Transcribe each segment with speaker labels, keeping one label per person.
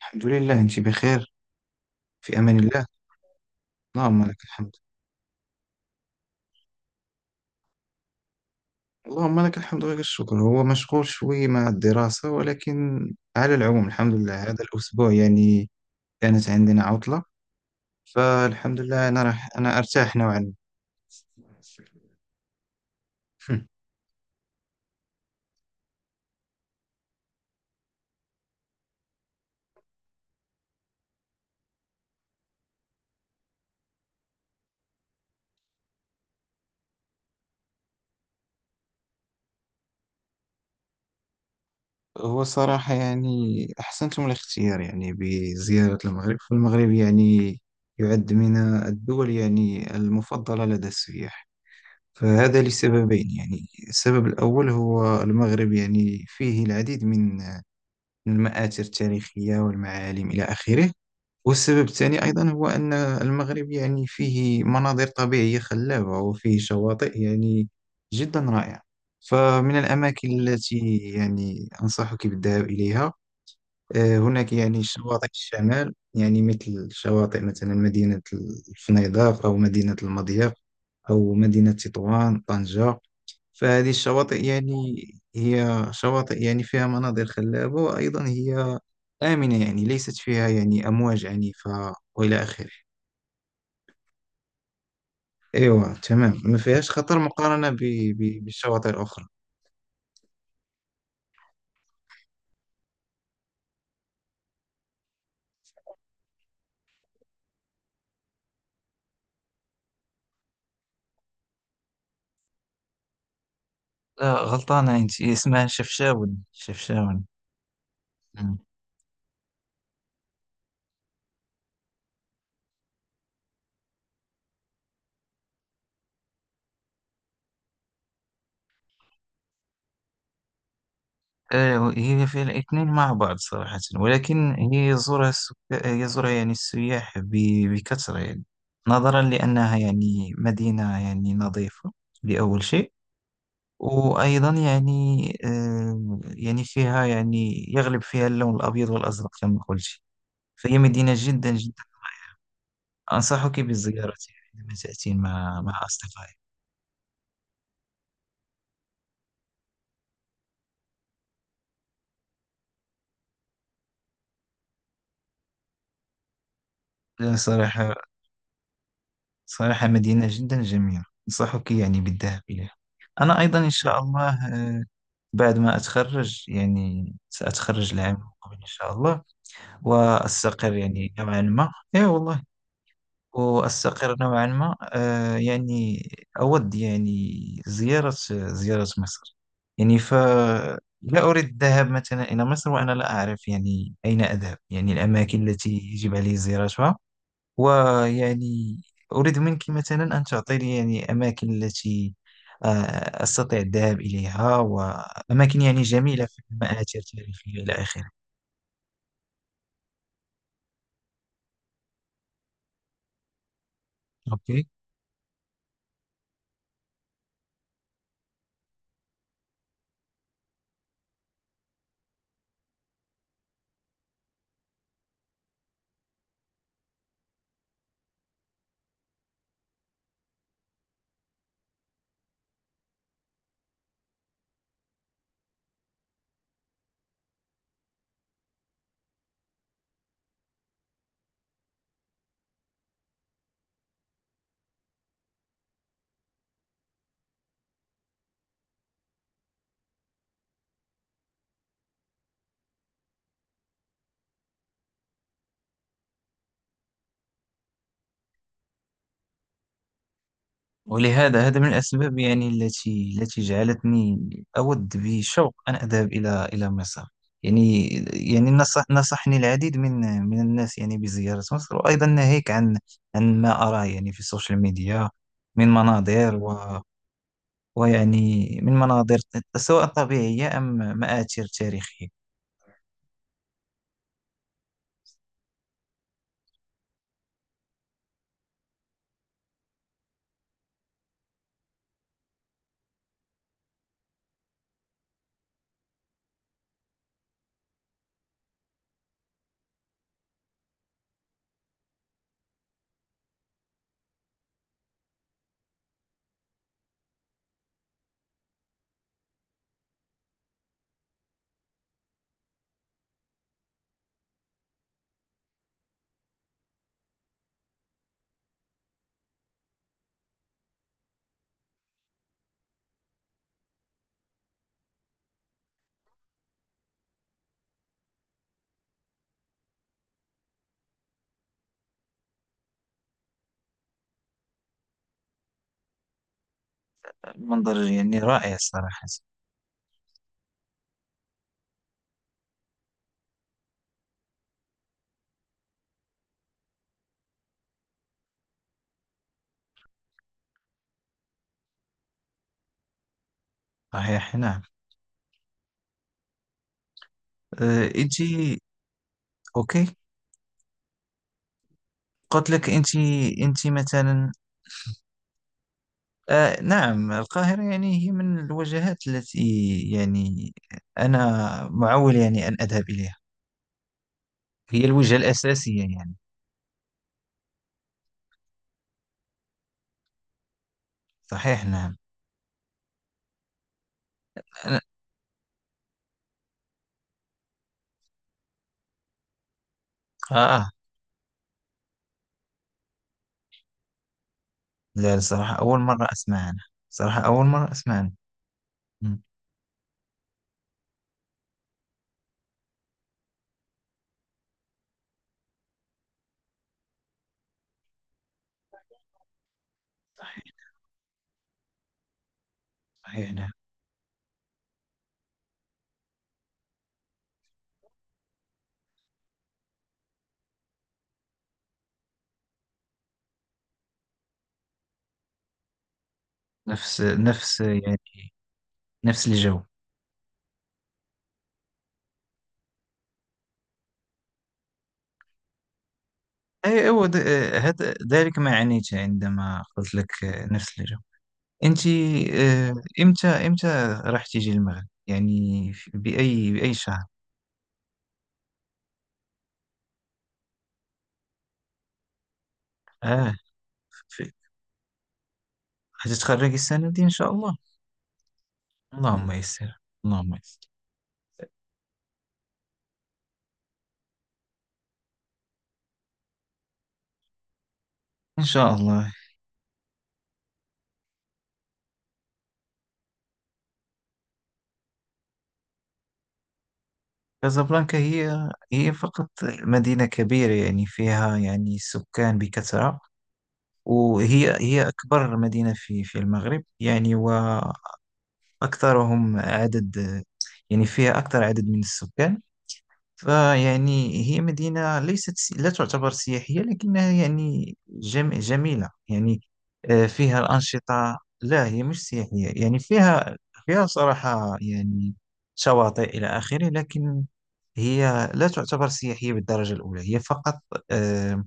Speaker 1: الحمد لله، انت بخير. في امان الله. اللهم لك الحمد. اللهم لك الحمد ولك الشكر. هو مشغول شوي مع الدراسة، ولكن على العموم الحمد لله. هذا الاسبوع يعني كانت عندنا عطلة، فالحمد لله انا راح ارتاح نوعا ما. هو صراحة يعني احسنتم الاختيار يعني بزيارة المغرب. فالمغرب يعني يعد من الدول يعني المفضلة لدى السياح. فهذا لسببين، يعني السبب الأول هو المغرب يعني فيه العديد من المآثر التاريخية والمعالم إلى آخره، والسبب الثاني أيضا هو أن المغرب يعني فيه مناظر طبيعية خلابة، وفيه شواطئ يعني جدا رائعة. فمن الأماكن التي يعني أنصحك بالذهاب إليها، هناك يعني شواطئ الشمال، يعني مثل شواطئ مثلا مدينة الفنيدق، أو مدينة المضيق، أو مدينة تطوان، طنجة. فهذه الشواطئ يعني هي شواطئ يعني فيها مناظر خلابة، وأيضا هي آمنة، يعني ليست فيها يعني أمواج عنيفة وإلى آخره. أيوة، تمام، ما فيهاش خطر مقارنة بالشواطئ الأخرى. لا، غلطانة أنت. هي اسمها شفشاون، شفشاون. مم. هي في الاثنين مع بعض صراحة، ولكن هي يزورها يعني السياح بكثرة، يعني نظرا لأنها يعني مدينة يعني نظيفة لأول شيء، وأيضا يعني يعني فيها يعني يغلب فيها اللون الأبيض والأزرق كما قلت. فهي مدينة جدا جدا أنصحك بالزيارة يعني عندما تأتين مع أصدقائك. لا، صراحة مدينة جدا جميلة، أنصحك يعني بالذهاب إليها. أنا أيضا إن شاء الله، آه، بعد ما أتخرج، يعني سأتخرج العام المقبل إن شاء الله، وأستقر يعني نوعا ما. إيه والله. وأستقر نوعا ما، يعني أود يعني زيارة مصر. يعني فلا، أريد الذهاب مثلا إلى مصر وأنا لا أعرف يعني أين أذهب، يعني الأماكن التي يجب علي زيارتها، ويعني أريد منك مثلا أن تعطيني يعني أماكن التي أستطيع الذهاب إليها، وأماكن يعني جميلة في المآثر التاريخية إلى آخره. أوكي. ولهذا هذا من الأسباب يعني التي جعلتني أود بشوق أن أذهب إلى مصر. يعني يعني نصحني العديد من من الناس يعني بزيارة مصر، وأيضا ناهيك عن ما أراه يعني في السوشيال ميديا من مناظر ويعني من مناظر سواء طبيعية أم مآثر تاريخية. المنظر يعني رائع صراحة. صحيح، نعم. أنت. أوكي. قلت لك أنت مثلا. آه نعم، القاهرة يعني هي من الوجهات التي يعني أنا معول يعني أن أذهب إليها. هي الوجهة الأساسية يعني. صحيح، نعم. أنا. آه لا، الصراحة أول مرة أسمع عنها، صراحة أول مرة أسمع عنها. مم، صحيح، صحيح، نعم. نفس يعني نفس الجو. أي، أو د- آه، هذا ذلك ما عنيت عندما قلت لك نفس الجو. أنت آه، إمتى راح تيجي المغرب يعني بأي شهر؟ آه هتتخرجي السنة دي إن شاء الله. اللهم يسر. اللهم يسر. إن شاء الله. كازابلانكا هي فقط مدينة كبيرة، يعني فيها يعني سكان بكثرة، وهي هي أكبر مدينة في المغرب يعني، وأكثرهم عدد، يعني فيها أكثر عدد من السكان. فيعني هي مدينة لا تعتبر سياحية، لكنها يعني جميلة يعني، فيها الأنشطة. لا، هي مش سياحية، يعني فيها صراحة يعني شواطئ إلى آخره، لكن هي لا تعتبر سياحية بالدرجة الأولى، هي فقط آه،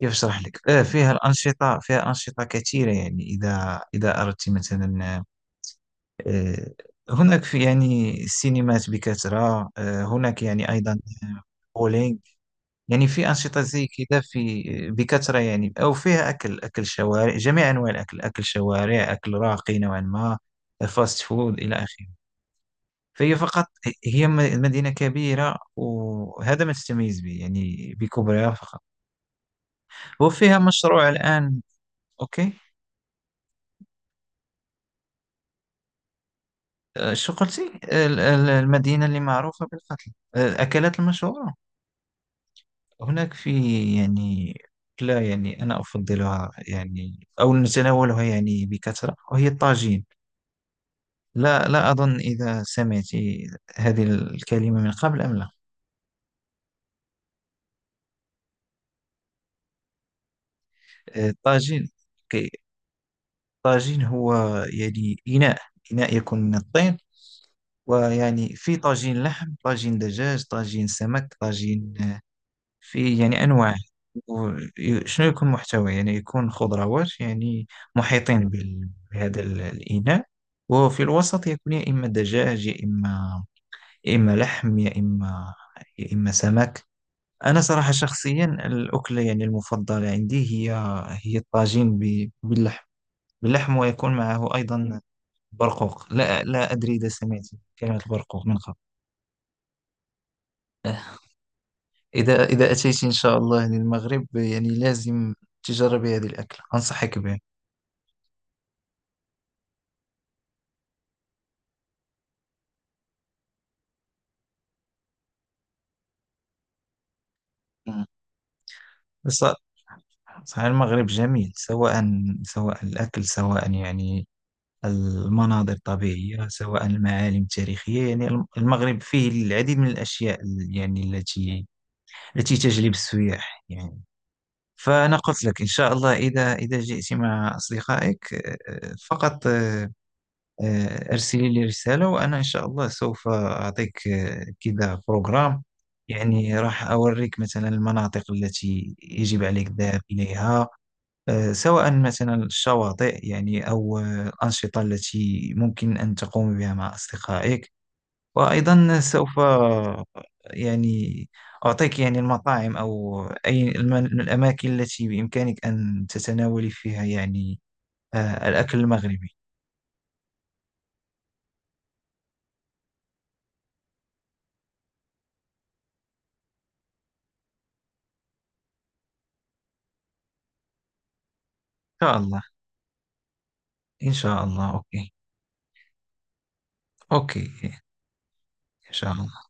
Speaker 1: كيف أشرح لك، فيها الأنشطة، فيها أنشطة كثيرة يعني. إذا أردت مثلا، آه، هناك في يعني سينمات بكثرة، هناك يعني أيضا بولينج، يعني في أنشطة زي كذا، في بكثرة يعني، أو فيها أكل، أكل شوارع، جميع أنواع الأكل، أكل شوارع، أكل راقي نوعا ما، فاست فود إلى آخره. فهي فقط هي مدينة كبيرة، وهذا ما تتميز به يعني بكبرها فقط، وفيها مشروع الآن. أوكي. شو قلتي المدينة اللي معروفة بالقتل، الأكلات المشهورة. هناك في يعني، لا يعني أنا أفضلها يعني أو نتناولها يعني بكثرة وهي الطاجين. لا لا أظن إذا سمعت هذه الكلمة من قبل أم لا. طاجين. أوكي. طاجين هو يعني إناء، إناء يكون من الطين، ويعني في طاجين لحم، طاجين دجاج، طاجين سمك، طاجين، في يعني أنواع. و- شنو يكون محتوى، يعني يكون خضروات يعني محيطين بهذا الإناء، وفي الوسط يكون يا إما دجاج، يا إما لحم، يا إما سمك. أنا صراحة شخصيا الأكلة يعني المفضلة عندي هي الطاجين باللحم ويكون معه أيضا برقوق. لا لا أدري إذا سمعت كلمة البرقوق من قبل. إذا أتيت إن شاء الله للمغرب، يعني لازم تجربي هذه الأكلة، أنصحك بها. بص- صحيح المغرب جميل، سواء الأكل سواء يعني المناظر الطبيعية سواء المعالم التاريخية، يعني المغرب فيه العديد من الأشياء يعني التي تجلب السياح يعني. فأنا قلت لك إن شاء الله إذا جئت مع أصدقائك، فقط أرسلي لي رسالة، وأنا إن شاء الله سوف أعطيك كذا بروغرام. يعني راح أوريك مثلا المناطق التي يجب عليك الذهاب إليها، سواء مثلا الشواطئ يعني أو الأنشطة التي ممكن أن تقوم بها مع أصدقائك، وأيضا سوف يعني أعطيك يعني المطاعم، أو أي الأماكن التي بإمكانك أن تتناولي فيها يعني الأكل المغربي. إن شاء الله. إن شاء الله أوكي. أوكي. إن شاء الله.